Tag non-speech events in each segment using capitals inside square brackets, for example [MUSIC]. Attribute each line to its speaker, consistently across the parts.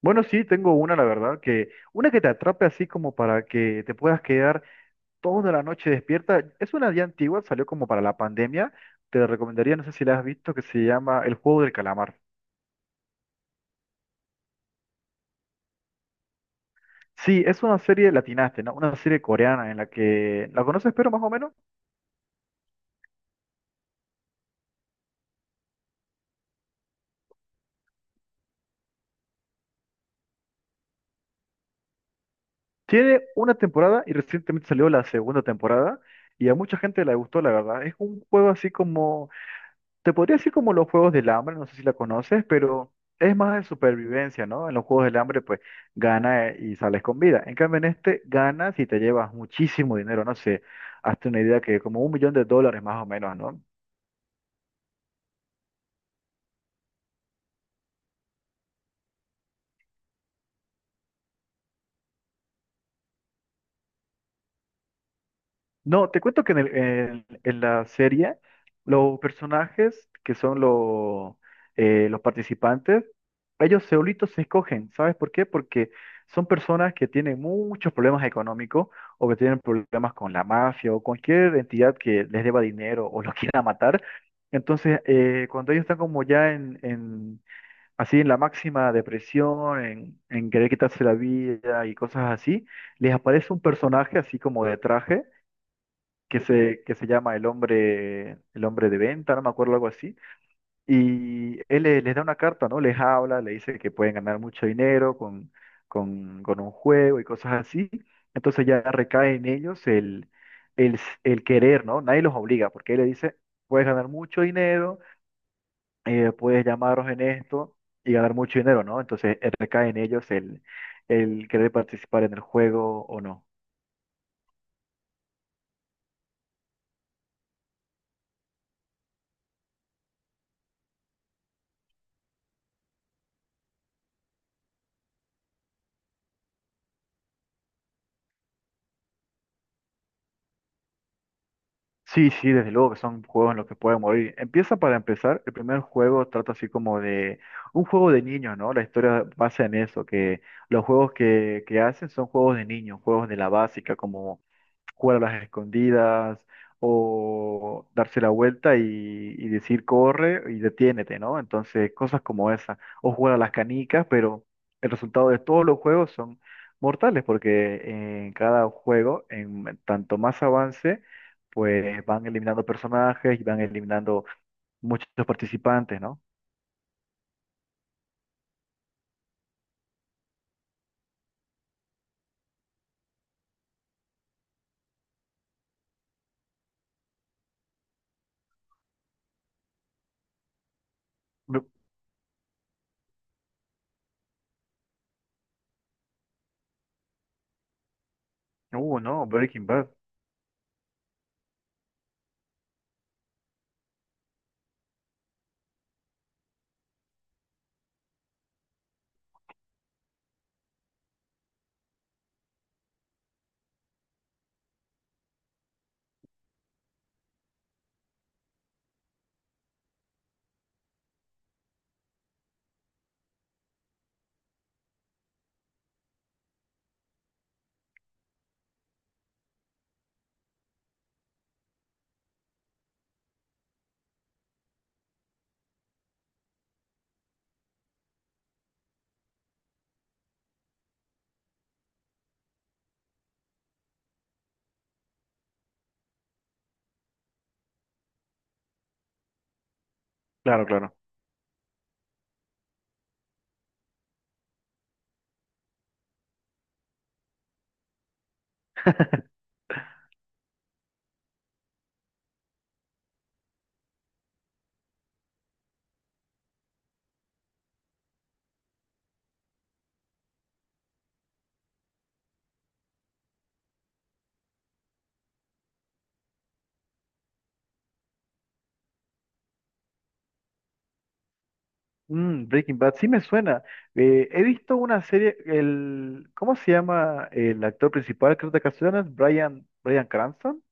Speaker 1: Bueno, sí, tengo una, la verdad, que una que te atrape así como para que te puedas quedar toda la noche despierta. Es una ya antigua, salió como para la pandemia. Te recomendaría, no sé si la has visto, que se llama El Juego del Calamar. Sí, es una serie latinaste, ¿no? Una serie coreana en la que, ¿la conoces, pero más o menos? Tiene una temporada y recientemente salió la segunda temporada y a mucha gente le gustó, la verdad. Es un juego así como te podría decir como los Juegos del Hambre, no sé si la conoces, pero es más de supervivencia, ¿no? En los Juegos del Hambre, pues gana y sales con vida. En cambio, en este ganas y te llevas muchísimo dinero, no sé, hazte una idea que como un millón de dólares más o menos, ¿no? No, te cuento que en la serie los personajes que son los participantes, ellos solitos se escogen. ¿Sabes por qué? Porque son personas que tienen muchos problemas económicos o que tienen problemas con la mafia o cualquier entidad que les deba dinero o los [LAUGHS] quiera matar. Entonces, cuando ellos están como ya así en la máxima depresión, en querer quitarse la vida y cosas así, les aparece un personaje así como de traje que se llama el hombre de venta, no me acuerdo, algo así. Y les da una carta, ¿no? Les habla, le dice que pueden ganar mucho dinero con un juego y cosas así. Entonces ya recae en ellos el querer, ¿no? Nadie los obliga, porque él le dice, puedes ganar mucho dinero, puedes llamaros en esto y ganar mucho dinero, ¿no? Entonces recae en ellos el querer participar en el juego o no. Sí, sí, desde luego que son juegos en los que pueden morir. Empieza para empezar, el primer juego trata así como de un juego de niños, ¿no? La historia basa en eso, que los juegos que hacen son juegos de niños, juegos de la básica, como jugar a las escondidas o darse la vuelta y decir corre y detiénete, ¿no? Entonces, cosas como esa. O jugar a las canicas, pero el resultado de todos los juegos son mortales, porque en cada juego, en tanto más avance, pues van eliminando personajes y van eliminando muchos participantes, ¿no? No, Breaking Bad. Claro, claro. Mm, Breaking Bad, sí me suena. He visto una serie, el, ¿cómo se llama el actor principal? Creo que de ocasiones, Brian, Bryan Cranston.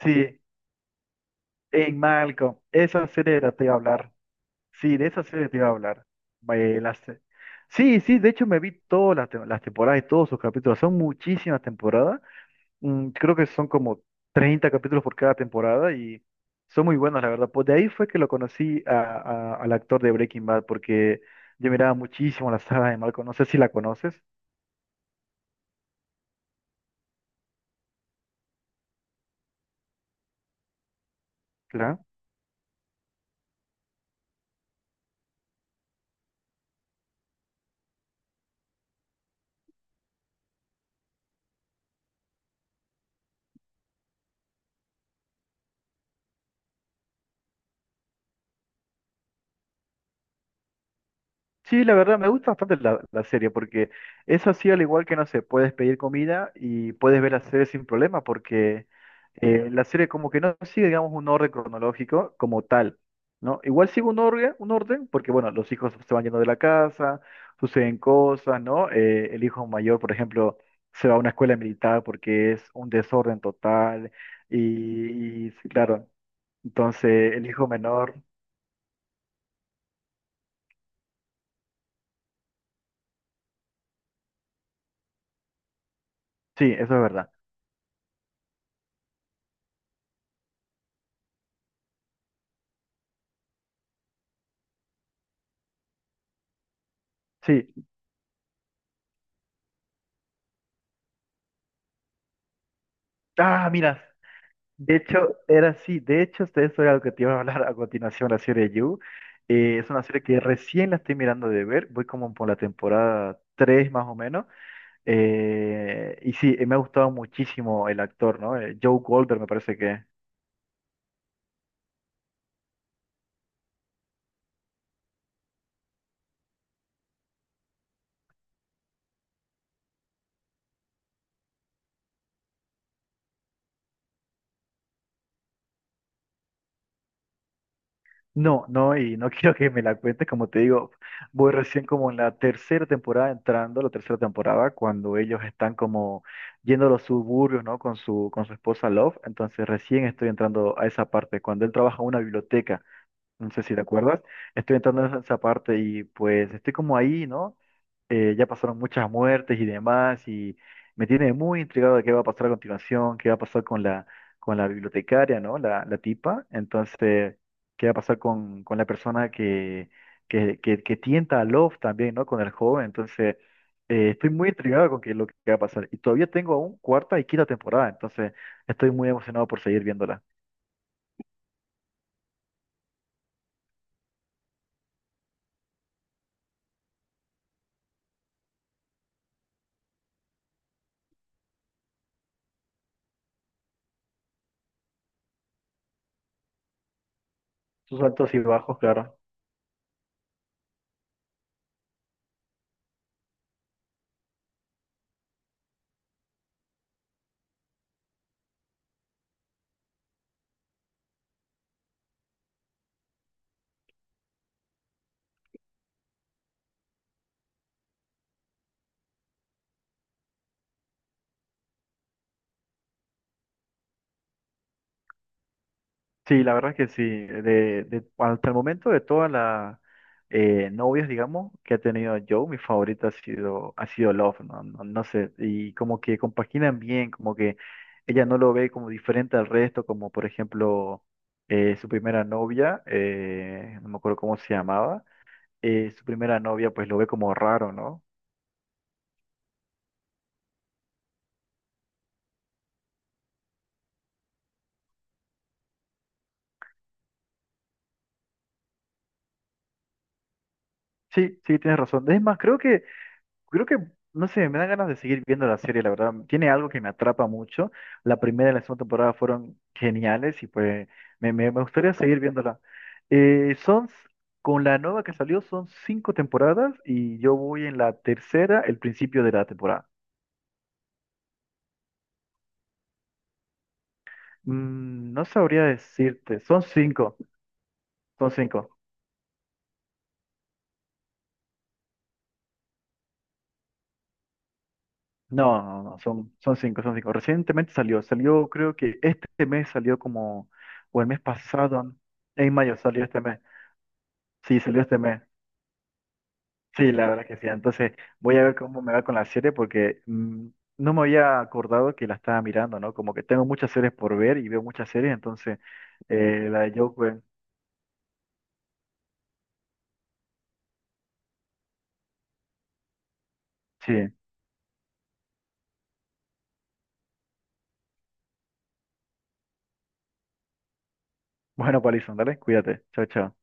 Speaker 1: Sí, en Malcolm. Esa serie de la te iba a hablar. Sí, de esa serie te iba a hablar. Eh, la se- sí, sí, de hecho me vi todas las temporadas y todos sus capítulos. Son muchísimas temporadas. Mm, creo que son como 30 capítulos por cada temporada y son muy buenos, la verdad. Pues de ahí fue que lo conocí al actor de Breaking Bad, porque yo miraba muchísimo la saga de Malcolm. No sé si la conoces. Sí, la verdad me gusta bastante la serie porque eso así al igual que no sé, puedes pedir comida y puedes ver la serie sin problema porque la serie como que no sigue, digamos, un orden cronológico como tal, ¿no? Igual sigue un orden porque, bueno, los hijos se van yendo de la casa, suceden cosas, ¿no? El hijo mayor, por ejemplo, se va a una escuela militar porque es un desorden total y sí, claro, entonces el hijo menor, sí, eso es verdad. Sí. Ah, mira. De hecho, era así. De hecho, de eso era lo que te iba a hablar a continuación, la serie You. Es una serie que recién la estoy mirando de ver. Voy como por la temporada 3 más o menos. Y sí, me ha gustado muchísimo el actor, ¿no? Joe Goldberg me parece que... No, no, y no [LAUGHS] quiero que me la cuentes. Como te digo, voy recién como en la tercera temporada entrando, la tercera temporada, cuando ellos están como yendo a los suburbios, ¿no? Con su esposa Love. Entonces recién estoy entrando a esa parte, cuando él trabaja en una biblioteca. No sé si te acuerdas. Estoy entrando en esa parte y pues estoy como ahí, ¿no? Ya pasaron muchas muertes y demás y me tiene muy intrigado de qué va a pasar a continuación, qué va a pasar con la bibliotecaria, ¿no? La tipa. Entonces, qué va a pasar con la persona que tienta a Love también, ¿no? Con el joven. Entonces, estoy muy intrigado con qué, lo que va a pasar. Y todavía tengo aún cuarta y quinta temporada, entonces estoy muy emocionado por seguir viéndola. Sus altos y bajos, claro. Sí, la verdad que sí. Hasta el momento de todas las novias, digamos, que ha tenido Joe, mi favorita ha sido Love, ¿no? No, no sé. Y como que compaginan bien, como que ella no lo ve como diferente al resto, como por ejemplo su primera novia, no me acuerdo cómo se llamaba, su primera novia pues lo ve como raro, ¿no? Sí, sí, tienes razón. Es más, creo que creo que, no sé, me dan ganas de seguir viendo la serie, la verdad. Tiene algo que me atrapa mucho. La primera y la segunda temporada fueron geniales y pues me gustaría seguir viéndola. Eh, son, s- con la nueva que salió, son cinco temporadas y yo voy en la tercera, el principio de la temporada. Mm, no sabría decirte, son cinco, son cinco. No, no, no, son, son cinco, son cinco. Recientemente salió, salió creo que este mes salió como, o el mes pasado, en mayo salió este mes. Sí, salió este mes. Sí, la verdad que sí. Entonces voy a ver cómo me va con la serie porque mm, no me había acordado que la estaba mirando, ¿no? Como que tengo muchas series por ver y veo muchas series, entonces la de Joker, sí. Bueno, Palison, dale, cuídate. Chao, chao.